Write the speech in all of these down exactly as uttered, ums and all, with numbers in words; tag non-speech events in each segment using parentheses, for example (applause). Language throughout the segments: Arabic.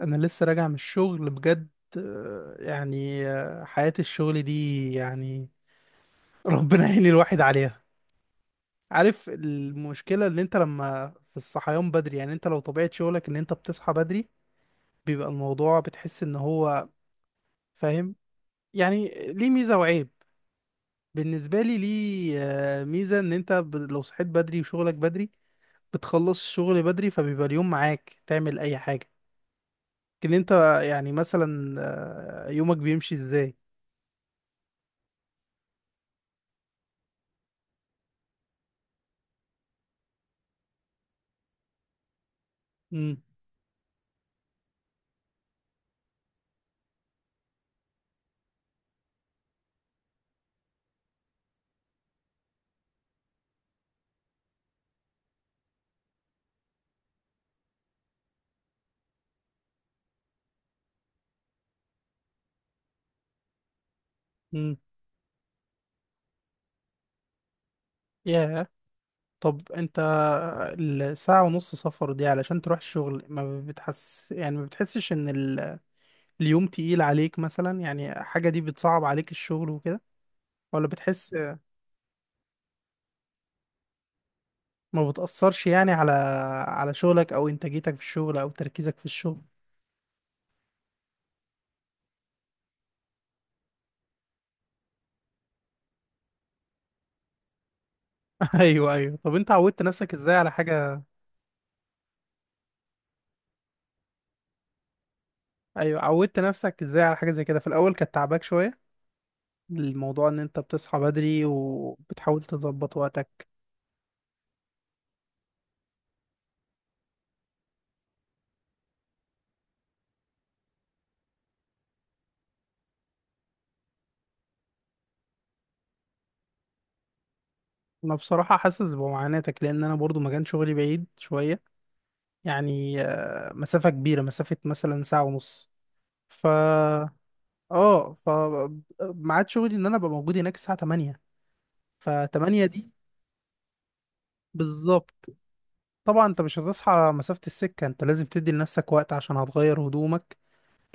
انا لسه راجع من الشغل بجد. آه، يعني آه، حياة الشغل دي يعني ربنا يعين الواحد عليها. عارف المشكلة ان انت لما في الصحيان بدري، يعني انت لو طبيعة شغلك ان انت بتصحى بدري بيبقى الموضوع بتحس ان هو فاهم، يعني ليه ميزة وعيب. بالنسبة لي ليه آه، ميزة ان انت ب- لو صحيت بدري وشغلك بدري بتخلص الشغل بدري، فبيبقى اليوم معاك تعمل اي حاجة. لكن انت يعني مثلا، آه، يومك بيمشي ازاي؟ مم. مم. ياه. طب انت الساعة ونص سفر دي علشان تروح الشغل، ما بتحس يعني ما بتحسش ان ال... اليوم تقيل عليك مثلا، يعني حاجة دي بتصعب عليك الشغل وكده؟ ولا بتحس، ما بتأثرش يعني على على شغلك او انتاجيتك في الشغل او تركيزك في الشغل؟ (laughs) ايوه ايوه، طب انت عودت نفسك ازاي على حاجة، ايوه عودت نفسك ازاي على حاجة زي كده في الاول كانت تعباك شوية؟ الموضوع ان انت بتصحى بدري وبتحاول تظبط وقتك. انا بصراحة حاسس بمعاناتك، لان انا برضو مكان شغلي بعيد شوية. يعني آه، مسافة كبيرة، مسافة مثلا ساعة ونص. ف اه ف ميعاد شغلي ان انا ابقى موجود هناك الساعة تمانية. ف تمانية دي بالظبط. طبعا انت مش هتصحى على مسافة السكة، انت لازم تدي لنفسك وقت عشان هتغير هدومك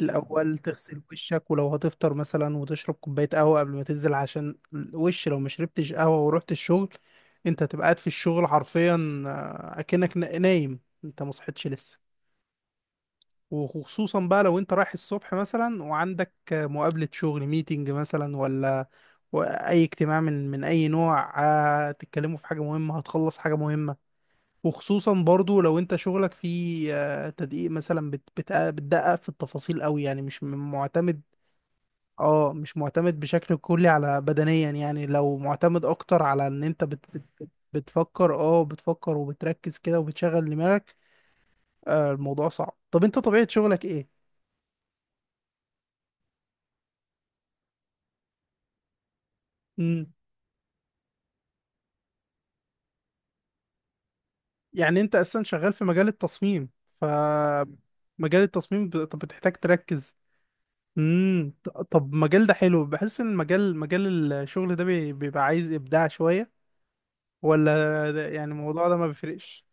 الأول، تغسل وشك ولو هتفطر مثلا وتشرب كوباية قهوة قبل ما تنزل، عشان الوش لو ما شربتش قهوة ورحت الشغل انت هتبقى قاعد في الشغل حرفيا آه، أكنك نا- نايم انت مصحتش لسه. وخصوصا بقى لو انت رايح الصبح مثلا وعندك آه، مقابلة شغل، ميتنج مثلا ولا أي اجتماع من من أي نوع، آه، تتكلموا في حاجة مهمة، هتخلص حاجة مهمة. وخصوصا برضو لو انت شغلك فيه آه، تدقيق مثلا، بت- بت- بتدقق في التفاصيل قوي، يعني مش م- معتمد، اه مش معتمد بشكل كلي على بدنيا. يعني لو معتمد اكتر على ان انت بت بت بت بتفكر، اه بتفكر وبتركز كده وبتشغل دماغك، آه الموضوع صعب. طب انت طبيعة شغلك ايه؟ مم. يعني انت اصلا شغال في مجال التصميم. ف مجال التصميم ب- طب بتحتاج تركز. امم. طب المجال ده حلو، بحس ان المجال مجال الشغل ده بي- بيبقى عايز ابداع شوية، ولا ده- يعني الموضوع ده ما بيفرقش؟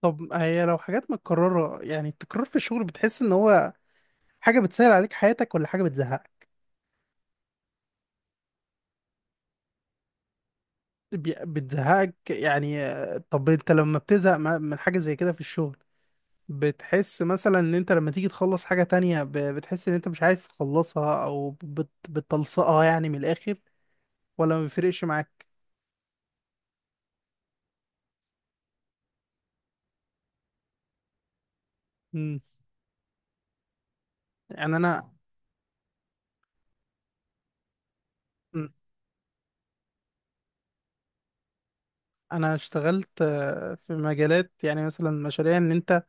طب هي لو حاجات متكررة، يعني التكرار في الشغل بتحس ان هو حاجة بتسهل عليك حياتك ولا حاجة بتزهقك؟ بي- بتزهقك، يعني آه، طب انت لما بتزهق ما- من حاجة زي كده في الشغل، بتحس مثلا ان انت لما تيجي تخلص حاجة تانية ب- بتحس ان انت مش عايز تخلصها او بت- بتلصقها يعني من الاخر؟ ولا ما بيفرقش معاك؟ مم. يعني انا مم. انا اشتغلت آه، في مجالات يعني مثلا مشاريع ان انت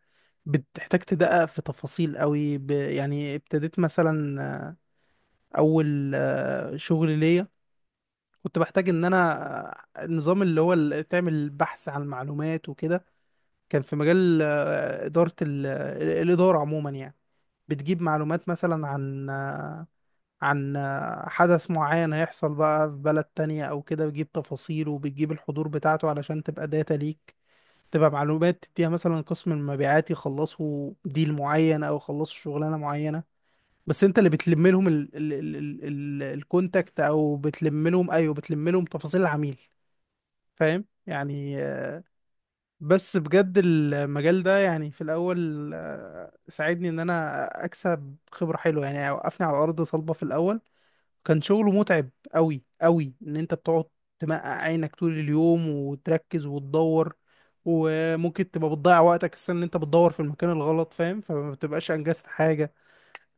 بتحتاج تدقق في تفاصيل قوي، ب- يعني ابتديت مثلا آه، اول آه، شغل ليا كنت بحتاج ان انا النظام اللي هو اللي تعمل بحث عن المعلومات وكده. كان في مجال آه، اداره ال- آه، الاداره عموما، يعني بتجيب معلومات مثلا عن آه، عن آه، حدث معين هيحصل بقى في بلد تانية او كده، بتجيب تفاصيله وبتجيب الحضور بتاعته علشان تبقى داتا ليك، تبقى معلومات تديها مثلا قسم المبيعات يخلصوا ديل معين او يخلصوا شغلانه معينه. بس انت اللي بتلم لهم ال ال ال ال ال الكونتاكت او بتلم لهم، ايوه بتلم لهم تفاصيل العميل، فاهم؟ يعني آه، بس بجد المجال ده يعني في الاول آه، ساعدني ان انا اكسب خبرة حلوة، يعني وقفني على ارض صلبة في الاول. كان شغله متعب قوي قوي ان انت بتقعد تمقع عينك طول اليوم وتركز وتدور، وممكن تبقى بتضيع وقتك السنة ان انت بتدور في المكان الغلط، فاهم؟ فما بتبقاش انجزت حاجة.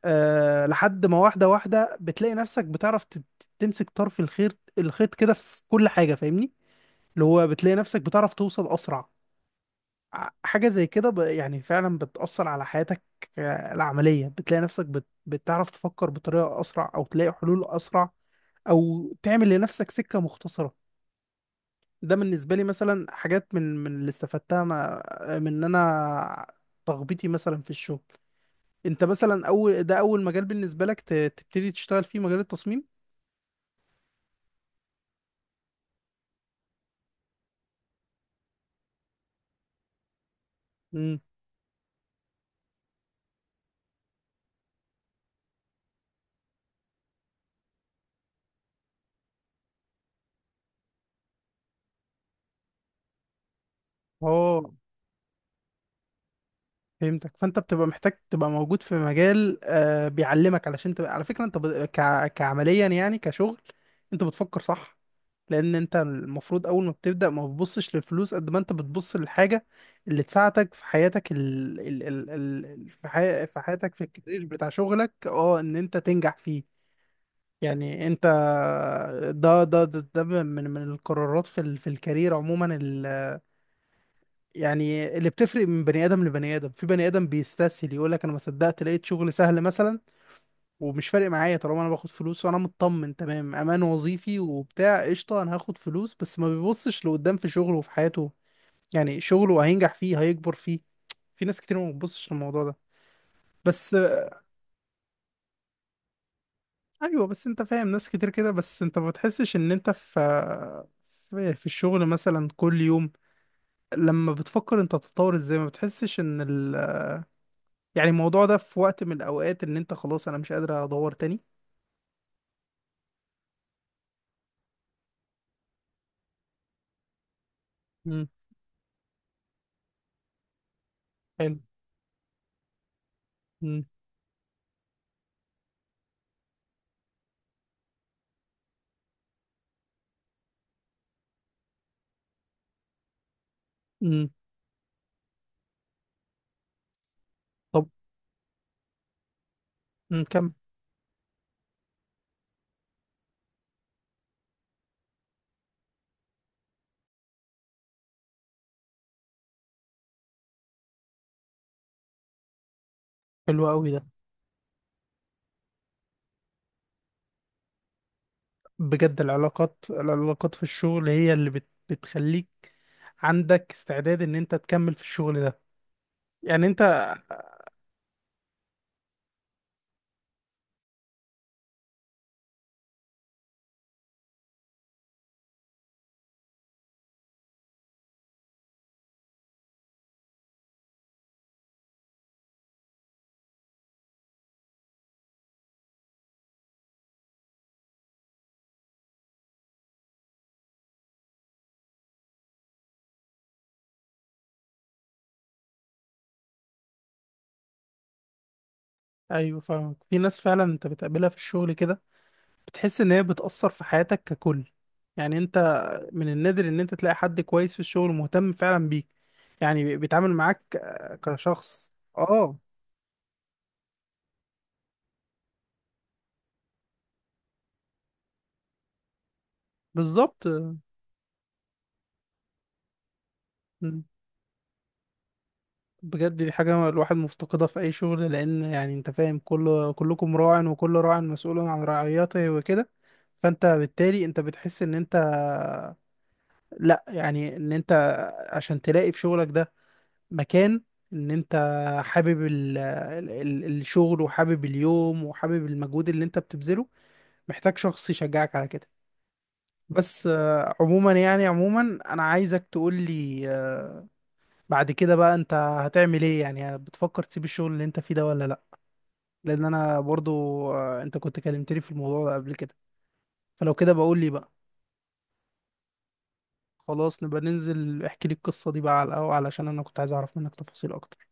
أه، لحد ما واحدة واحدة بتلاقي نفسك بتعرف تت- تمسك طرف الخيط الخيط كده في كل حاجة، فاهمني؟ اللي هو بتلاقي نفسك بتعرف توصل أسرع. ع- حاجة زي كده ب- يعني فعلا بتأثر على حياتك آه، العملية. بتلاقي نفسك بت... بتعرف تفكر بطريقة أسرع أو تلاقي حلول أسرع أو تعمل لنفسك سكة مختصرة. ده بالنسبة لي مثلا حاجات من من اللي استفدتها ما... من إن أنا تخبيطي مثلا في الشغل. أنت مثلا أول ده أول مجال بالنسبة لك ت... تبتدي تشتغل فيه مجال التصميم؟ امم. اه فهمتك. فانت بتبقى محتاج تبقى موجود في مجال آه بيعلمك، علشان تبقى على فكره انت ب... ك... كعمليا يعني كشغل انت بتفكر صح. لان انت المفروض اول ما بتبدا ما بتبصش للفلوس قد ما انت بتبص للحاجه اللي تساعدك في حياتك ال... ال... ال... ال... في, حي... في حياتك في الكارير بتاع شغلك، اه ان انت تنجح فيه. يعني انت ده ده ده, ده من من القرارات في ال... في الكارير عموما، يعني اللي بتفرق من بني ادم لبني ادم. في بني ادم بيستسهل يقول لك انا ما صدقت لقيت شغل سهل مثلا، ومش فارق معايا طالما انا باخد فلوس وانا مطمن تمام، امان وظيفي وبتاع قشطه انا هاخد فلوس بس، ما بيبصش لقدام في شغله وفي حياته. يعني شغله هينجح فيه، هيكبر فيه. في ناس كتير ما بتبصش للموضوع ده. بس ايوه، بس انت فاهم ناس كتير كده. بس انت ما بتحسش ان انت في في في الشغل مثلا كل يوم لما بتفكر انت تتطور ازاي، ما بتحسش ان ال، يعني الموضوع ده في وقت من الأوقات إن أنت خلاص أنا مش قادر أدور تاني؟ مم. حلو. مم. مم. طب مم. كم. حلو قوي ده. بجد العلاقات، العلاقات في الشغل هي اللي بت... بتخليك عندك استعداد إن أنت تكمل في الشغل ده. يعني أنت، أيوه فاهمك. في ناس فعلا أنت بتقابلها في الشغل كده بتحس إن هي بتأثر في حياتك ككل. يعني أنت، من النادر إن أنت تلاقي حد كويس في الشغل مهتم فعلا بيك، يعني بيتعامل معاك آه، كشخص، اه بالظبط. بجد دي حاجة الواحد مفتقدها في أي شغل، لأن يعني أنت فاهم كل كلكم راع وكل راع مسؤول عن رعيته وكده. فأنت بالتالي أنت بتحس إن أنت، لأ يعني إن أنت، عشان تلاقي في شغلك ده مكان إن أنت حابب ال... ال... ال- الشغل وحابب اليوم وحابب المجهود اللي أنت بتبذله، محتاج شخص يشجعك على كده. بس آه، عموما يعني عموما أنا عايزك تقولي بعد كده بقى انت هتعمل ايه، يعني بتفكر تسيب الشغل اللي انت فيه ده ولا لا؟ لان انا برضو، آه، انت كنت كلمتني في الموضوع ده قبل كده، فلو كده بقول لي بقى. خلاص، نبقى ننزل احكي لي القصة دي بقى على القهوة، علشان انا كنت عايز اعرف منك تفاصيل اكتر.